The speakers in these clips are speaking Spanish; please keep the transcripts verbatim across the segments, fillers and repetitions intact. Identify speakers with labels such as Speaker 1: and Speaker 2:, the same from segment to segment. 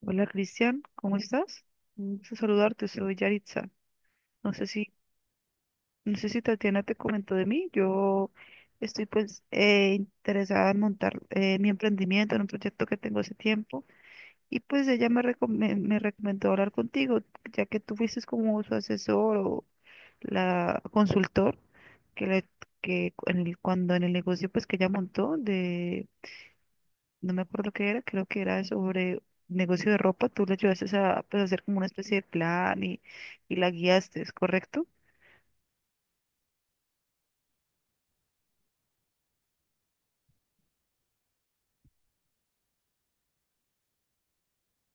Speaker 1: Hola Cristian, ¿cómo estás? Un gusto saludarte, soy Yaritza. No sé si, no sé si Tatiana te comentó de mí. Yo estoy pues eh, interesada en montar eh, mi emprendimiento en un proyecto que tengo hace tiempo y pues ella me, recom- me, me recomendó hablar contigo, ya que tú fuiste como su asesor o la consultor que, le, que cu- en el- cuando en el negocio pues que ella montó de no me acuerdo qué era, creo que era sobre negocio de ropa, tú le ayudaste a pues, hacer como una especie de plan y, y la guiaste, ¿es correcto?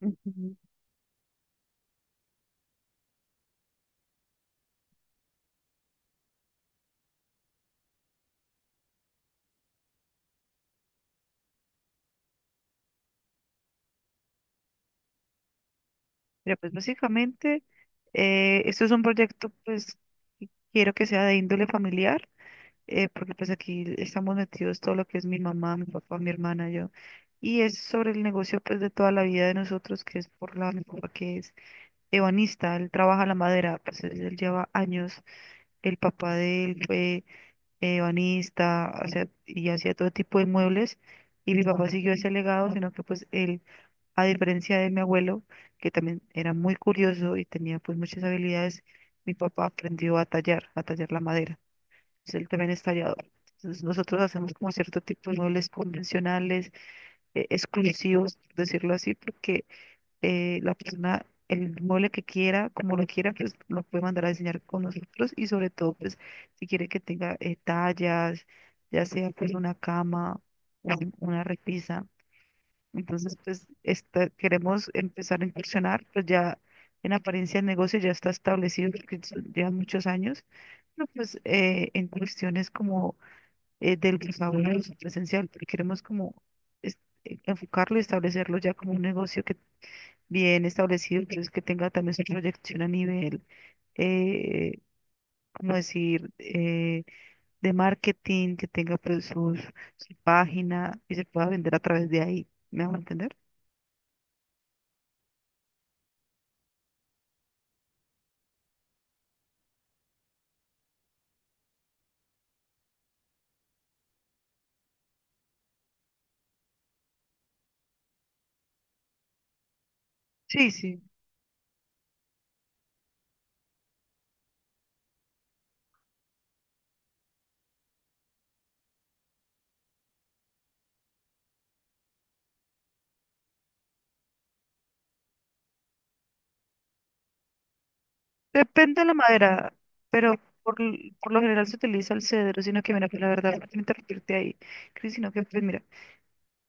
Speaker 1: Ujú. Mira, pues básicamente, eh, esto es un proyecto, pues, que quiero que sea de índole familiar, eh, porque pues aquí estamos metidos todo lo que es mi mamá, mi papá, mi hermana, yo. Y es sobre el negocio, pues, de toda la vida de nosotros, que es por la, mi papá que es ebanista, él trabaja la madera, pues, él él lleva años, el papá de él fue eh, banista, hacía- y hacía todo tipo de muebles. Y mi papá siguió ese legado, sino que pues él, a diferencia de mi abuelo, que también era muy curioso y tenía pues muchas habilidades, mi papá aprendió a tallar, a tallar la madera. Entonces, él también es tallador. Entonces nosotros hacemos como cierto tipo de muebles convencionales, eh, exclusivos, por decirlo así, porque eh, la persona, el mueble que quiera, como lo quiera, pues lo puede mandar a diseñar con nosotros y sobre todo, pues si quiere que tenga eh, tallas, ya sea pues una cama, un- una repisa. Entonces, pues esta- queremos empezar a incursionar, pues ya en apariencia el negocio ya está establecido porque son- llevan muchos años, pero pues eh, en cuestiones como eh, del sabor presencial, porque queremos como es- eh, enfocarlo y establecerlo ya como un negocio que bien establecido, entonces que tenga también su proyección a nivel, eh, como decir, eh, de marketing, que tenga pues sus, su página y se pueda vender a través de ahí. ¿Me van a entender? Sí, sí. Depende de la madera, pero por, l- por lo general se utiliza el cedro, sino que mira, pues la verdad, no quiero interrumpirte ahí, Cris, sino que pues mira,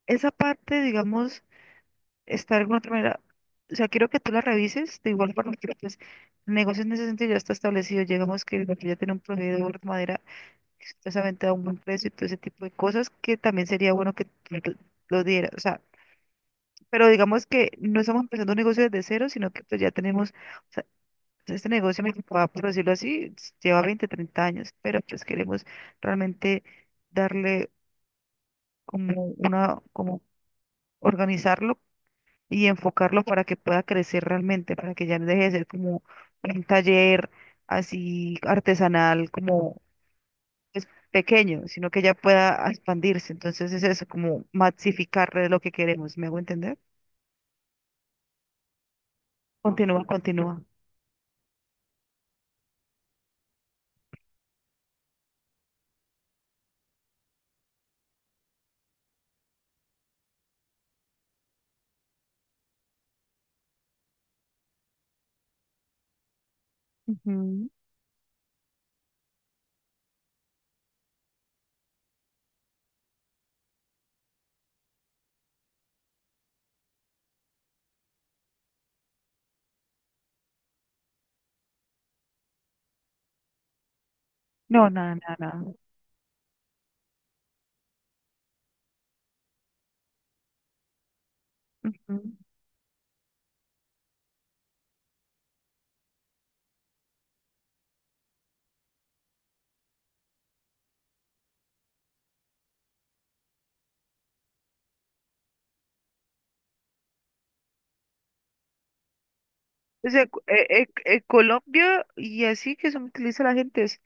Speaker 1: esa parte, digamos, está de alguna otra manera. O sea, quiero que tú la revises, de igual forma que pues, el negocio en ese sentido ya está establecido. Llegamos que el barrio ya tiene un proveedor de madera que supuestamente da un buen precio y todo ese tipo de cosas que también sería bueno que tú lo lo dieras. O sea, pero digamos que no estamos empezando un negocio desde cero, sino que pues ya tenemos, o sea, este negocio, me preocupa, por decirlo así, lleva veinte treinta años, pero pues queremos realmente darle como una, como organizarlo y enfocarlo para que pueda crecer realmente, para que ya no deje de ser como un taller así artesanal, como pues, pequeño, sino que ya pueda expandirse. Entonces es eso, como maxificar lo que queremos. ¿Me hago entender? Continúa, continúa. Ujú. No, nada, nada, nada. Ujú. O sea, cu- eh, eh, eh, Colombia y así que se utiliza la gente es-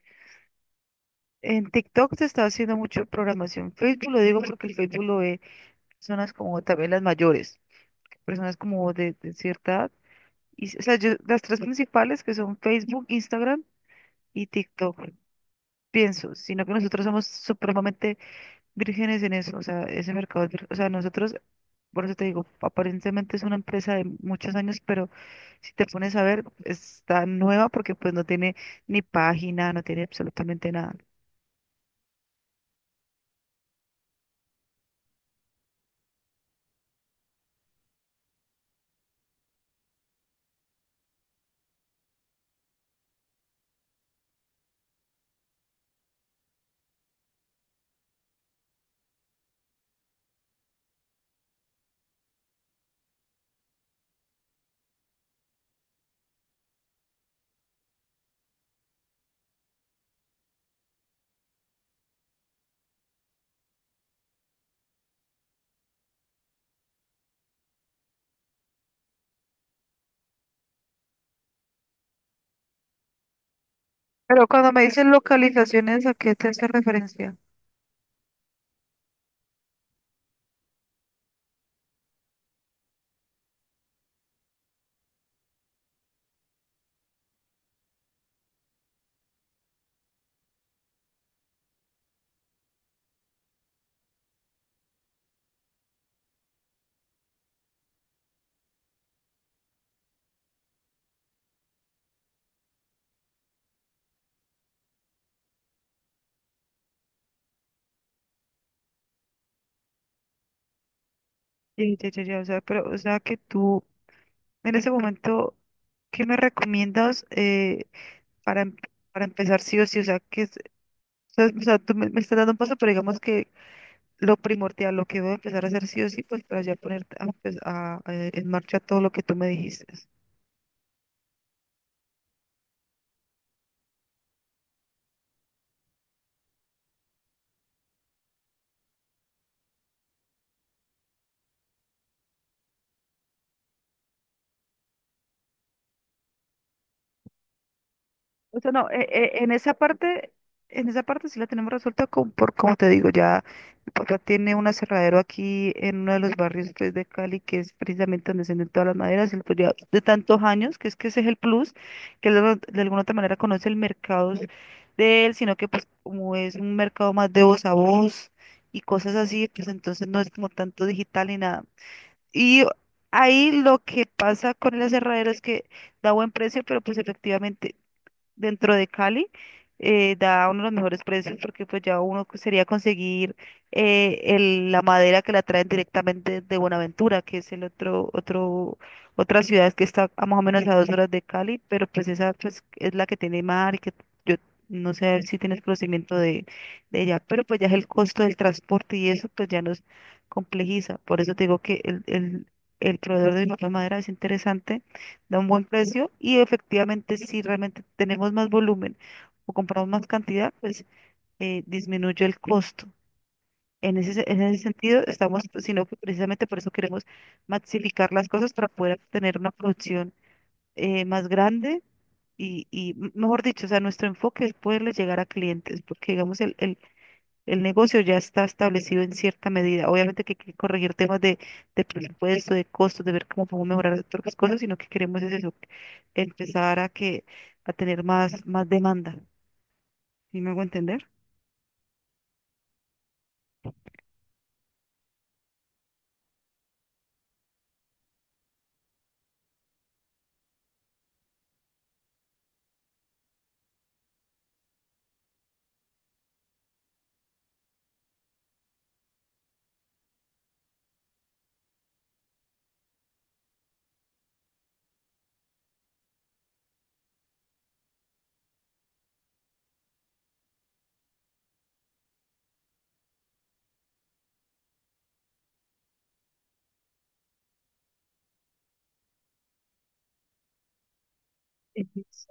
Speaker 1: en TikTok se está haciendo mucho programación. Facebook lo digo porque el Facebook lo ve personas como también las mayores. Personas como de, de cierta edad. Y, o sea, yo- las tres principales que son Facebook, Instagram y TikTok, pienso, sino que nosotros somos supremamente vírgenes en eso, o sea, ese mercado, es vir- o sea, nosotros, por eso te digo, aparentemente es una empresa de muchos años, pero si te pones a ver, está nueva porque pues no tiene ni página, no tiene absolutamente nada. Pero cuando me dicen localizaciones, ¿a qué te hace referencia? Sí, ya, ya, ya, o sea, pero, o sea, que tú en ese momento, ¿qué me recomiendas eh, para, em- para empezar sí o sí? O sea, que es, o sea, o sea, Tú me, me estás dando un paso, pero digamos que lo primordial, lo que voy a empezar a hacer sí o sí, pues para ya poner a, empe- a- a- en marcha todo lo que tú me dijiste. O sea, no, eh, eh, en esa parte, en esa parte sí la tenemos resuelta con, por, como te digo, ya mi papá tiene un aserradero aquí en uno de los barrios pues, de Cali, que es precisamente donde se venden todas las maderas, él, pues, ya de tantos años, que es que ese es el plus, que él de, de alguna otra manera conoce el mercado de él, sino que pues como es un mercado más de voz a voz y cosas así, pues entonces no es como tanto digital ni nada. Y ahí lo que pasa con el aserradero es que da buen precio, pero pues efectivamente dentro de Cali, eh, da uno de los mejores precios porque pues ya uno que sería conseguir eh, el- la madera que la traen directamente de Buenaventura, que es el otro, otro, otra ciudad que está a más o menos a dos horas de Cali, pero pues esa pues, es la que tiene mar y que yo no sé si tienes conocimiento de, de ella, pero pues ya es el costo del transporte y eso pues ya nos complejiza. Por eso te digo que el, el, el proveedor de la madera es interesante da un buen precio y efectivamente si realmente tenemos más volumen o compramos más cantidad, pues eh, disminuye el costo. En ese, se- en ese sentido, estamos, sino que precisamente por eso queremos maxificar las cosas para poder tener una producción eh, más grande y, y, m- mejor dicho, o sea, nuestro enfoque es poderle llegar a clientes, porque digamos, el, el- el negocio ya está establecido en cierta medida. Obviamente que hay que corregir temas de, de presupuesto, de costos, de ver cómo podemos mejorar otras cosas, sino que queremos es eso, empezar a que a tener más, más demanda. ¿Sí me hago entender? Ex-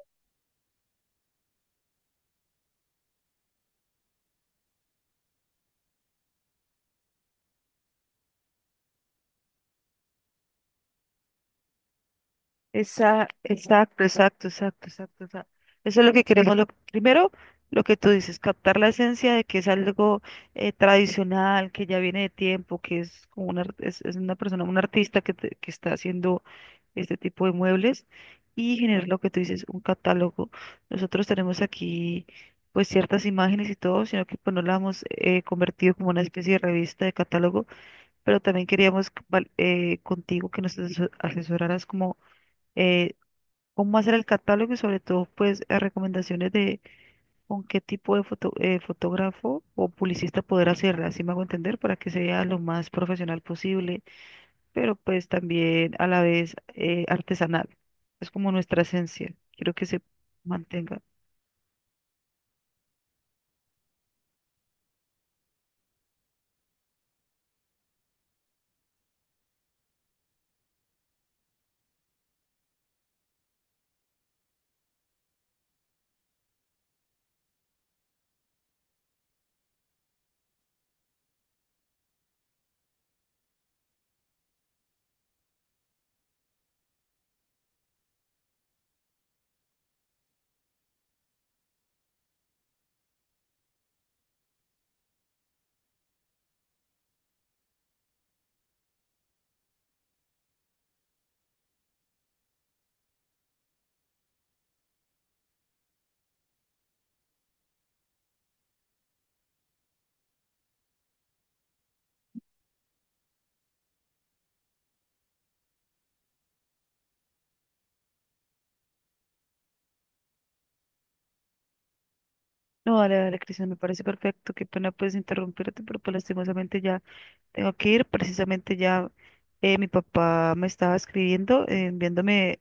Speaker 1: Esa- Exacto, exacto, exacto, exacto. O sea, eso es lo que queremos. Lo, primero, lo que tú dices, captar la esencia de que es algo eh, tradicional, que ya viene de tiempo, que es como una, art- es, es una persona, un artista que, te- que está haciendo este tipo de muebles y generar lo que tú dices, un catálogo. Nosotros tenemos aquí pues ciertas imágenes y todo, sino que pues no la hemos eh, convertido como una especie de revista de catálogo, pero también queríamos c- val- eh, contigo que nos aseso- asesoraras como eh, cómo hacer el catálogo y sobre todo pues eh, recomendaciones de con qué tipo de foto- eh, fotógrafo o publicista poder hacerla, así me hago entender, para que sea lo más profesional posible pero pues también a la vez eh, artesanal. Es como nuestra esencia. Quiero que se mantenga. No, dale, dale, Cristian, me parece perfecto. Qué pena pues interrumpirte, pero pues lastimosamente ya tengo que ir, precisamente ya eh, mi papá me estaba escribiendo, eh, enviándome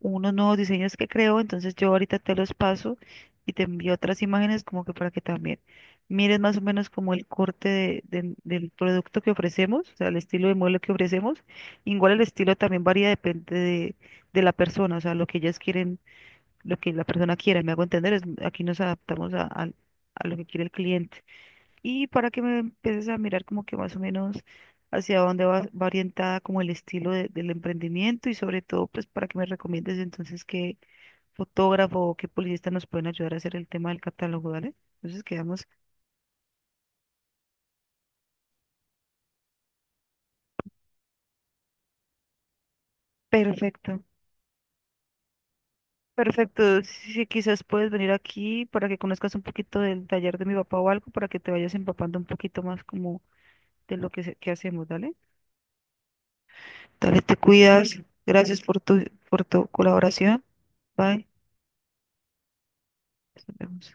Speaker 1: unos nuevos diseños que creo, entonces yo ahorita te los paso y te envío otras imágenes como que para que también mires más o menos como el corte de- de- del producto que ofrecemos, o sea, el estilo de modelo que ofrecemos. Igual el estilo también varía, depende de, de la persona, o sea, lo que ellas quieren, lo que la persona quiera, me hago entender, es, aquí nos adaptamos a, al a lo que quiere el cliente y para que me empieces a mirar como que más o menos hacia dónde va, va orientada como el estilo de- del emprendimiento y sobre todo pues para que me recomiendes entonces qué fotógrafo o qué publicista nos pueden ayudar a hacer el tema del catálogo, ¿vale? Entonces quedamos perfecto. Perfecto, sí, sí, quizás puedes venir aquí para que conozcas un poquito del taller de mi papá o algo, para que te vayas empapando un poquito más como de lo que, se- que hacemos, ¿dale? Dale, te cuidas. Gracias por tu, por tu colaboración. Bye. Nos vemos.